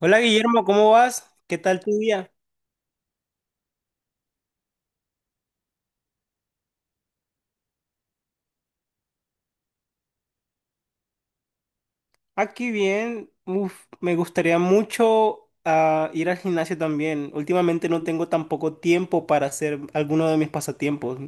Hola Guillermo, ¿cómo vas? ¿Qué tal tu día? Aquí bien. Uf, me gustaría mucho ir al gimnasio también. Últimamente no tengo tampoco tiempo para hacer alguno de mis pasatiempos.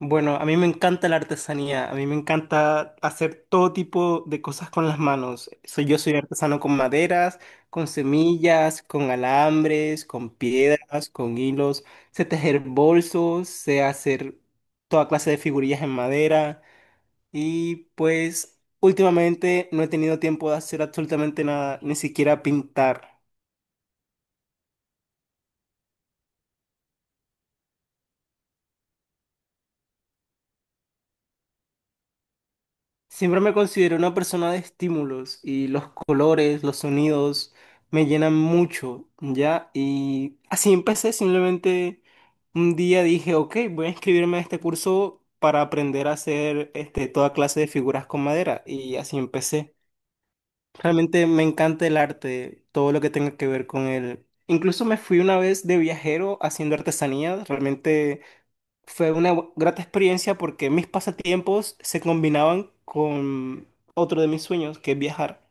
Bueno, a mí me encanta la artesanía. A mí me encanta hacer todo tipo de cosas con las manos. Yo soy artesano con maderas, con semillas, con alambres, con piedras, con hilos. Sé tejer bolsos, sé hacer toda clase de figurillas en madera. Y pues últimamente no he tenido tiempo de hacer absolutamente nada, ni siquiera pintar. Siempre me considero una persona de estímulos y los colores, los sonidos me llenan mucho, ¿ya? Y así empecé, simplemente un día dije, ok, voy a inscribirme a este curso para aprender a hacer este, toda clase de figuras con madera y así empecé. Realmente me encanta el arte, todo lo que tenga que ver con él. Incluso me fui una vez de viajero haciendo artesanía. Realmente fue una grata experiencia porque mis pasatiempos se combinaban con otro de mis sueños, que es viajar.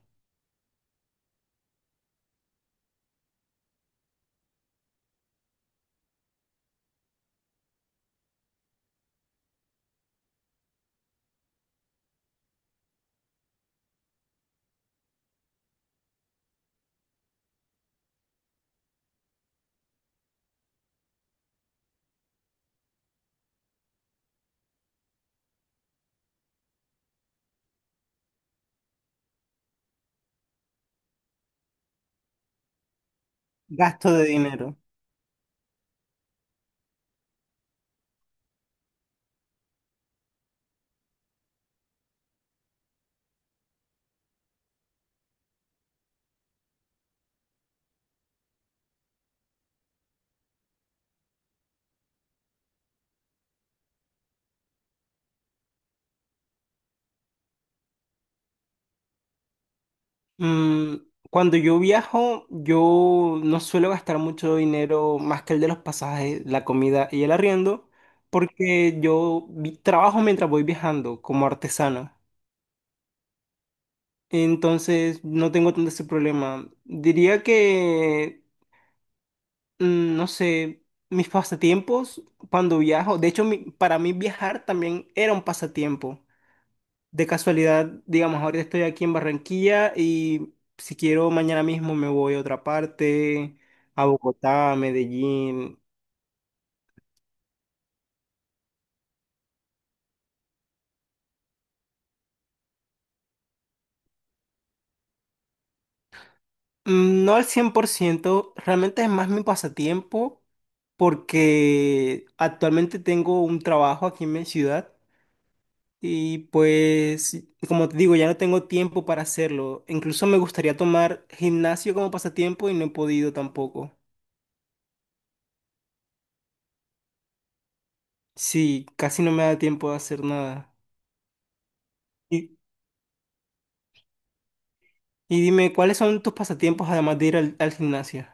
Gasto de dinero. Mm, cuando yo viajo, yo no suelo gastar mucho dinero más que el de los pasajes, la comida y el arriendo, porque yo trabajo mientras voy viajando como artesano. Entonces, no tengo tanto ese problema. Diría que, no sé, mis pasatiempos cuando viajo, de hecho, para mí viajar también era un pasatiempo. De casualidad, digamos, ahorita estoy aquí en Barranquilla y si quiero, mañana mismo me voy a otra parte, a Bogotá, a Medellín. No al cien por ciento, realmente es más mi pasatiempo porque actualmente tengo un trabajo aquí en mi ciudad. Y pues, como te digo, ya no tengo tiempo para hacerlo. Incluso me gustaría tomar gimnasio como pasatiempo y no he podido tampoco. Sí, casi no me da tiempo de hacer nada. Y, y dime, ¿cuáles son tus pasatiempos además de ir al gimnasio?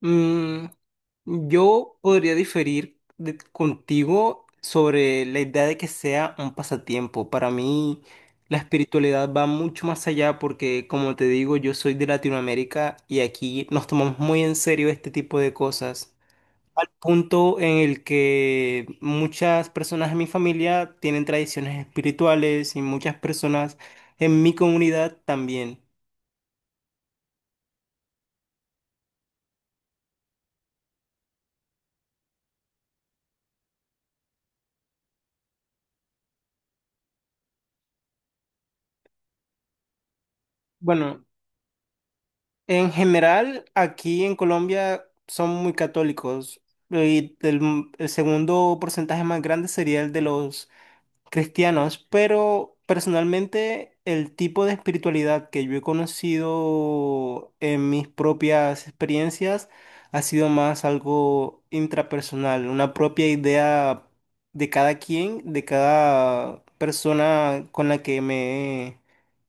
Mm, yo podría contigo sobre la idea de que sea un pasatiempo. Para mí, la espiritualidad va mucho más allá porque, como te digo, yo soy de Latinoamérica y aquí nos tomamos muy en serio este tipo de cosas. Al punto en el que muchas personas en mi familia tienen tradiciones espirituales y muchas personas en mi comunidad también. Bueno, en general, aquí en Colombia son muy católicos y el segundo porcentaje más grande sería el de los cristianos, pero personalmente el tipo de espiritualidad que yo he conocido en mis propias experiencias ha sido más algo intrapersonal, una propia idea de cada quien, de cada persona con la que me he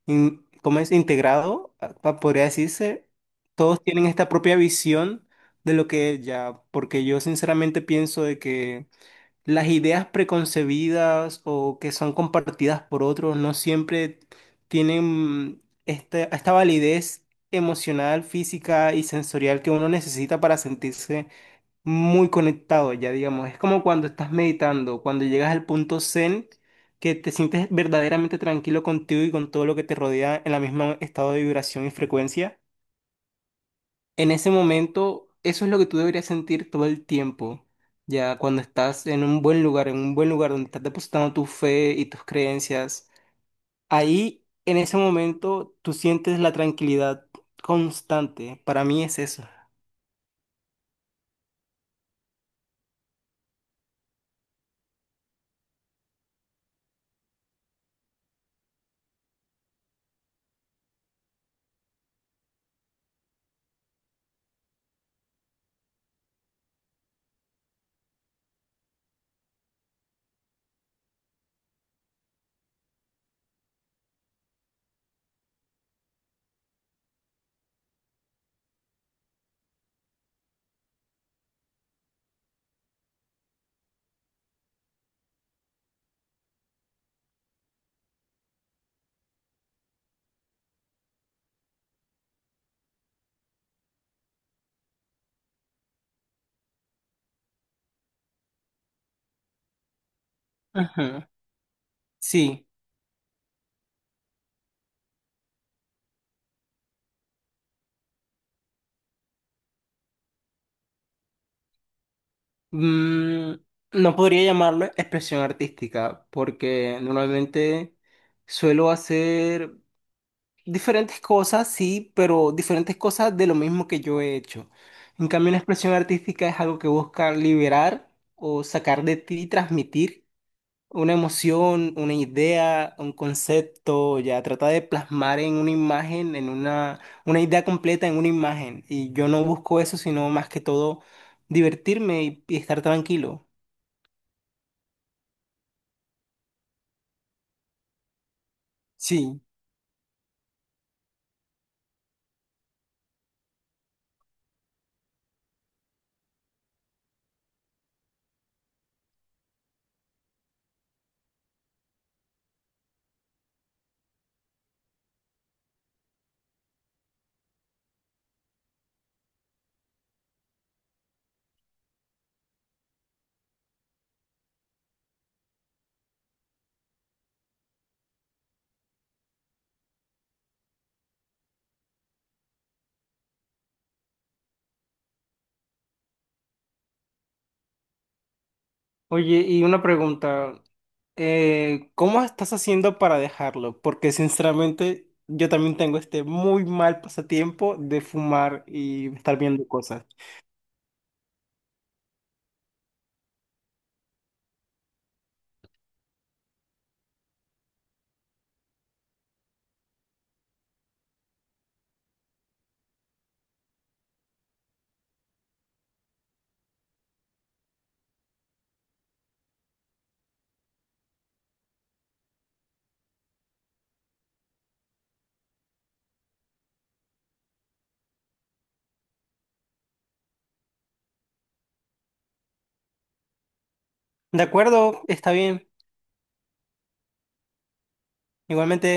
¿cómo es? Integrado, podría decirse. Todos tienen esta propia visión de lo que es ya, porque yo sinceramente pienso de que las ideas preconcebidas o que son compartidas por otros no siempre tienen esta validez emocional, física y sensorial que uno necesita para sentirse muy conectado, ya digamos. Es como cuando estás meditando, cuando llegas al punto zen, que te sientes verdaderamente tranquilo contigo y con todo lo que te rodea en la misma estado de vibración y frecuencia. En ese momento, eso es lo que tú deberías sentir todo el tiempo. Ya cuando estás en un buen lugar, en un buen lugar donde estás depositando tu fe y tus creencias, ahí en ese momento tú sientes la tranquilidad constante. Para mí es eso. Ajá. Sí. Mm, no podría llamarlo expresión artística porque normalmente suelo hacer diferentes cosas, sí, pero diferentes cosas de lo mismo que yo he hecho. En cambio, una expresión artística es algo que busca liberar o sacar de ti, y transmitir una emoción, una idea, un concepto, ya trata de plasmar en una imagen, en una idea completa en una imagen. Y yo no busco eso, sino más que todo divertirme y estar tranquilo. Sí. Oye, y una pregunta. ¿Cómo estás haciendo para dejarlo? Porque sinceramente yo también tengo este muy mal pasatiempo de fumar y estar viendo cosas. De acuerdo, está bien. Igualmente.